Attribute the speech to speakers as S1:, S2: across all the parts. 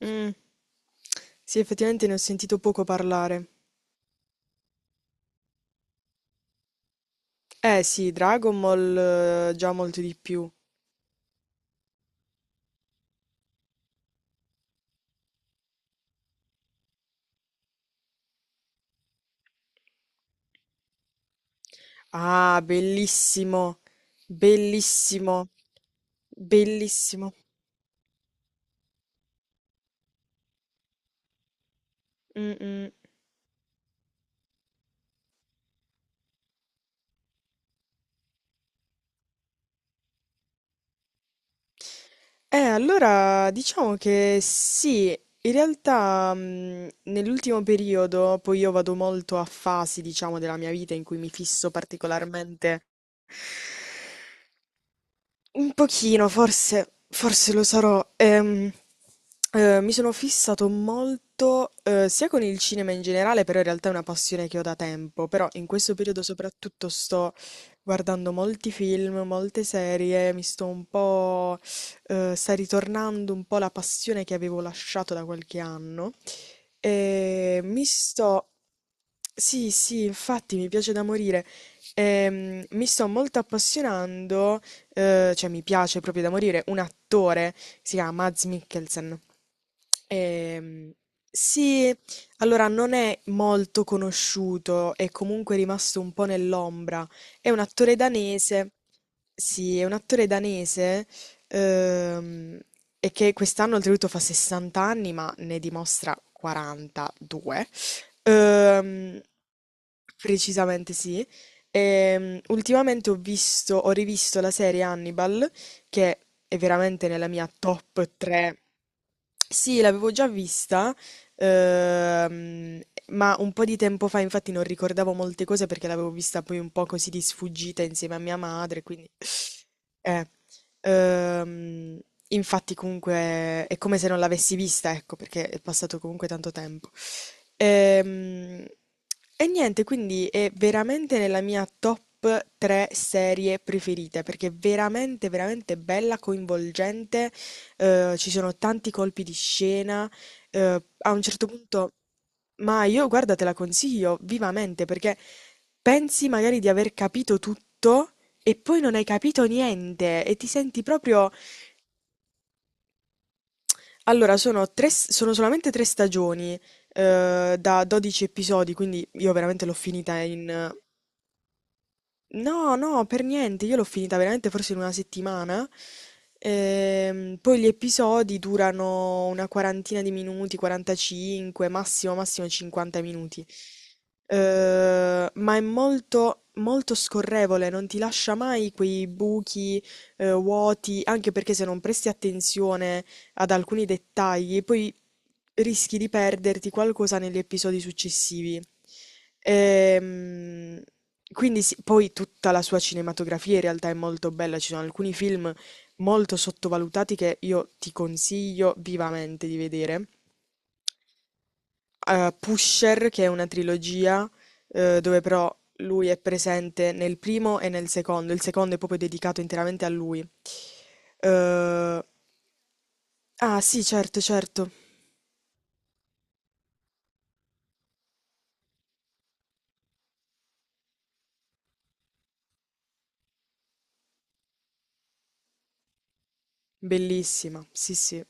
S1: Mm. Sì, effettivamente ne ho sentito poco parlare. Eh sì, Dragon Ball già molto di più. Ah, bellissimo, bellissimo, bellissimo. Mm, mm. Allora diciamo che sì, in realtà nell'ultimo periodo, poi io vado molto a fasi, diciamo, della mia vita in cui mi fisso particolarmente. Un pochino, forse, forse lo sarò. Mi sono fissato molto, sia con il cinema in generale, però in realtà è una passione che ho da tempo, però in questo periodo soprattutto sto guardando molti film, molte serie, mi sto un po', sta ritornando un po' la passione che avevo lasciato da qualche anno. E mi sto... Sì, sì, infatti mi piace da morire. Mi sto molto appassionando, cioè mi piace proprio da morire, un attore, si chiama Mads Mikkelsen. Ehm, sì, allora non è molto conosciuto, è comunque rimasto un po' nell'ombra. È un attore danese. Sì, è un attore danese. Ehm, e che quest'anno oltretutto fa 60 anni, ma ne dimostra 42. Ehm, Precisamente sì. Ultimamente ho visto, ho rivisto la serie Hannibal, che è veramente nella mia top 3. Sì, l'avevo già vista, ehm, ma un po' di tempo fa, infatti non ricordavo molte cose perché l'avevo vista poi un po' così di sfuggita insieme a mia madre, quindi... Eh, ehm, Infatti comunque è come se non l'avessi vista, ecco, perché è passato comunque tanto tempo. Ehm, e niente, quindi è veramente nella mia top 3 serie preferite perché è veramente, veramente bella, coinvolgente. Ci sono tanti colpi di scena a un certo punto, ma io guarda, te la consiglio vivamente perché pensi magari di aver capito tutto e poi non hai capito niente e ti senti proprio... Allora, tre, sono solamente tre stagioni, da 12 episodi, quindi io veramente l'ho finita in... No, no, per niente, io l'ho finita veramente forse in una settimana. Poi gli episodi durano una quarantina di minuti, 45, massimo, massimo 50 minuti. Ma è molto, molto scorrevole, non ti lascia mai quei buchi, vuoti, anche perché se non presti attenzione ad alcuni dettagli, e poi rischi di perderti qualcosa negli episodi successivi. Ehm, quindi sì, poi tutta la sua cinematografia in realtà è molto bella, ci sono alcuni film molto sottovalutati che io ti consiglio vivamente di vedere. Pusher, che è una trilogia, dove però lui è presente nel primo e nel secondo, il secondo è proprio dedicato interamente a lui. Eh, ah sì, certo, certo. Bellissima, sì, sì.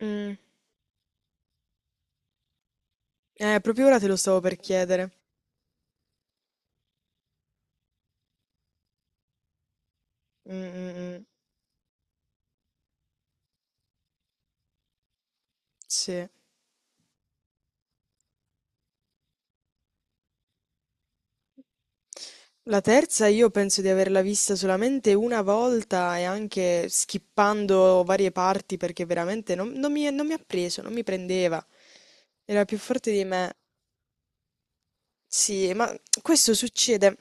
S1: Mm. Proprio ora te lo stavo per chiedere. Mm, mm, mm. Sì. La terza io penso di averla vista solamente una volta e anche skippando varie parti perché veramente non mi, non mi ha preso, non mi prendeva. Era più forte di me. Sì, ma questo succede,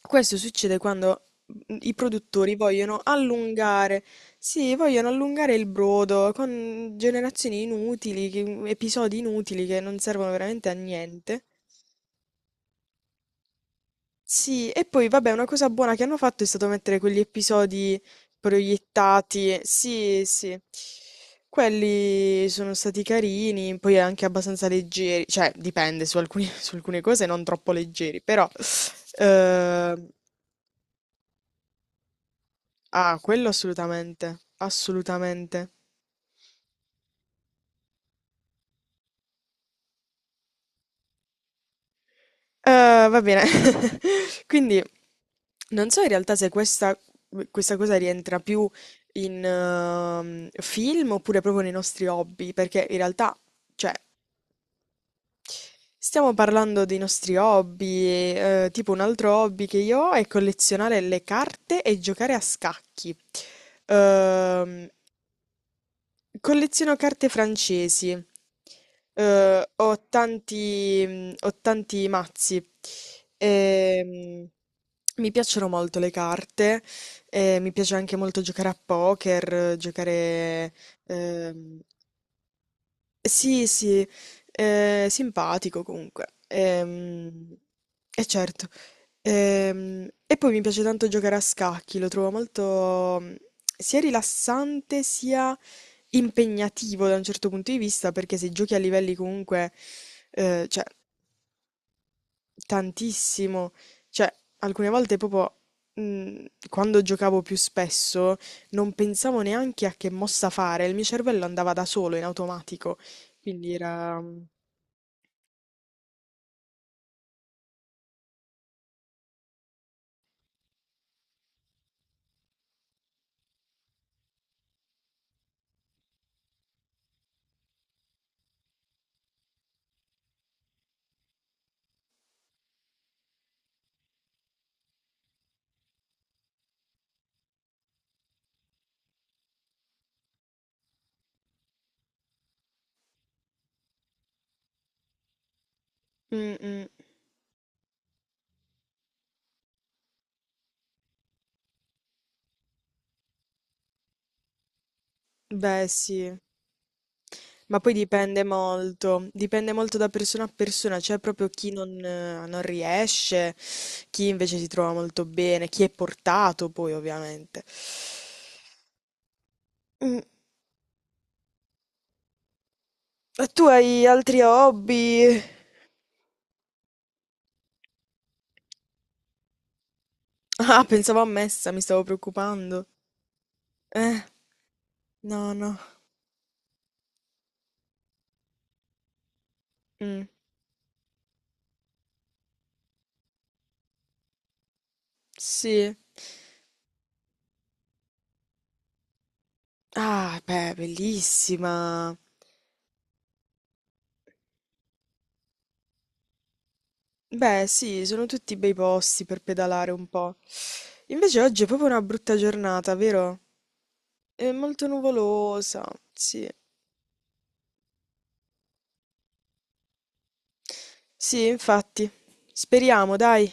S1: questo succede quando i produttori vogliono allungare, sì, vogliono allungare il brodo con generazioni inutili, episodi inutili che non servono veramente a niente. Sì, e poi vabbè, una cosa buona che hanno fatto è stato mettere quegli episodi proiettati, sì, sì. Quelli sono stati carini, poi anche abbastanza leggeri, cioè su alcune cose non troppo leggeri, però... Ehm, ah, quello assolutamente, assolutamente. Va bene. Quindi non so in realtà se questa cosa rientra più in film oppure proprio nei nostri hobby, perché in realtà, cioè, stiamo parlando dei nostri hobby, tipo un altro hobby che io ho è collezionare le carte e giocare a scacchi. Ehm, Colleziono carte francesi. Ho ho tanti mazzi. Ehm, Mi piacciono molto le carte, mi piace anche molto giocare a poker, ehm, sì, simpatico comunque. E certo. E poi mi piace tanto giocare a scacchi, lo trovo molto sia rilassante sia impegnativo da un certo punto di vista, perché se giochi a livelli comunque, eh, cioè, tantissimo, cioè, alcune volte proprio, mm, quando giocavo più spesso, non pensavo neanche a che mossa fare, il mio cervello andava da solo in automatico. Quindi era. Mm, mm. Beh, sì, ma poi dipende molto da persona a persona, c'è proprio chi non riesce, chi invece si trova molto bene, chi è portato poi ovviamente. Mm. E tu hai altri hobby? Ah, pensavo a messa, mi stavo preoccupando. Eh, no, no. Mm, sì. Ah, beh, bellissima. Beh, sì, sono tutti bei posti per pedalare un po'. Invece oggi è proprio una brutta giornata, vero? È molto nuvolosa, sì. Sì, infatti. Speriamo, dai.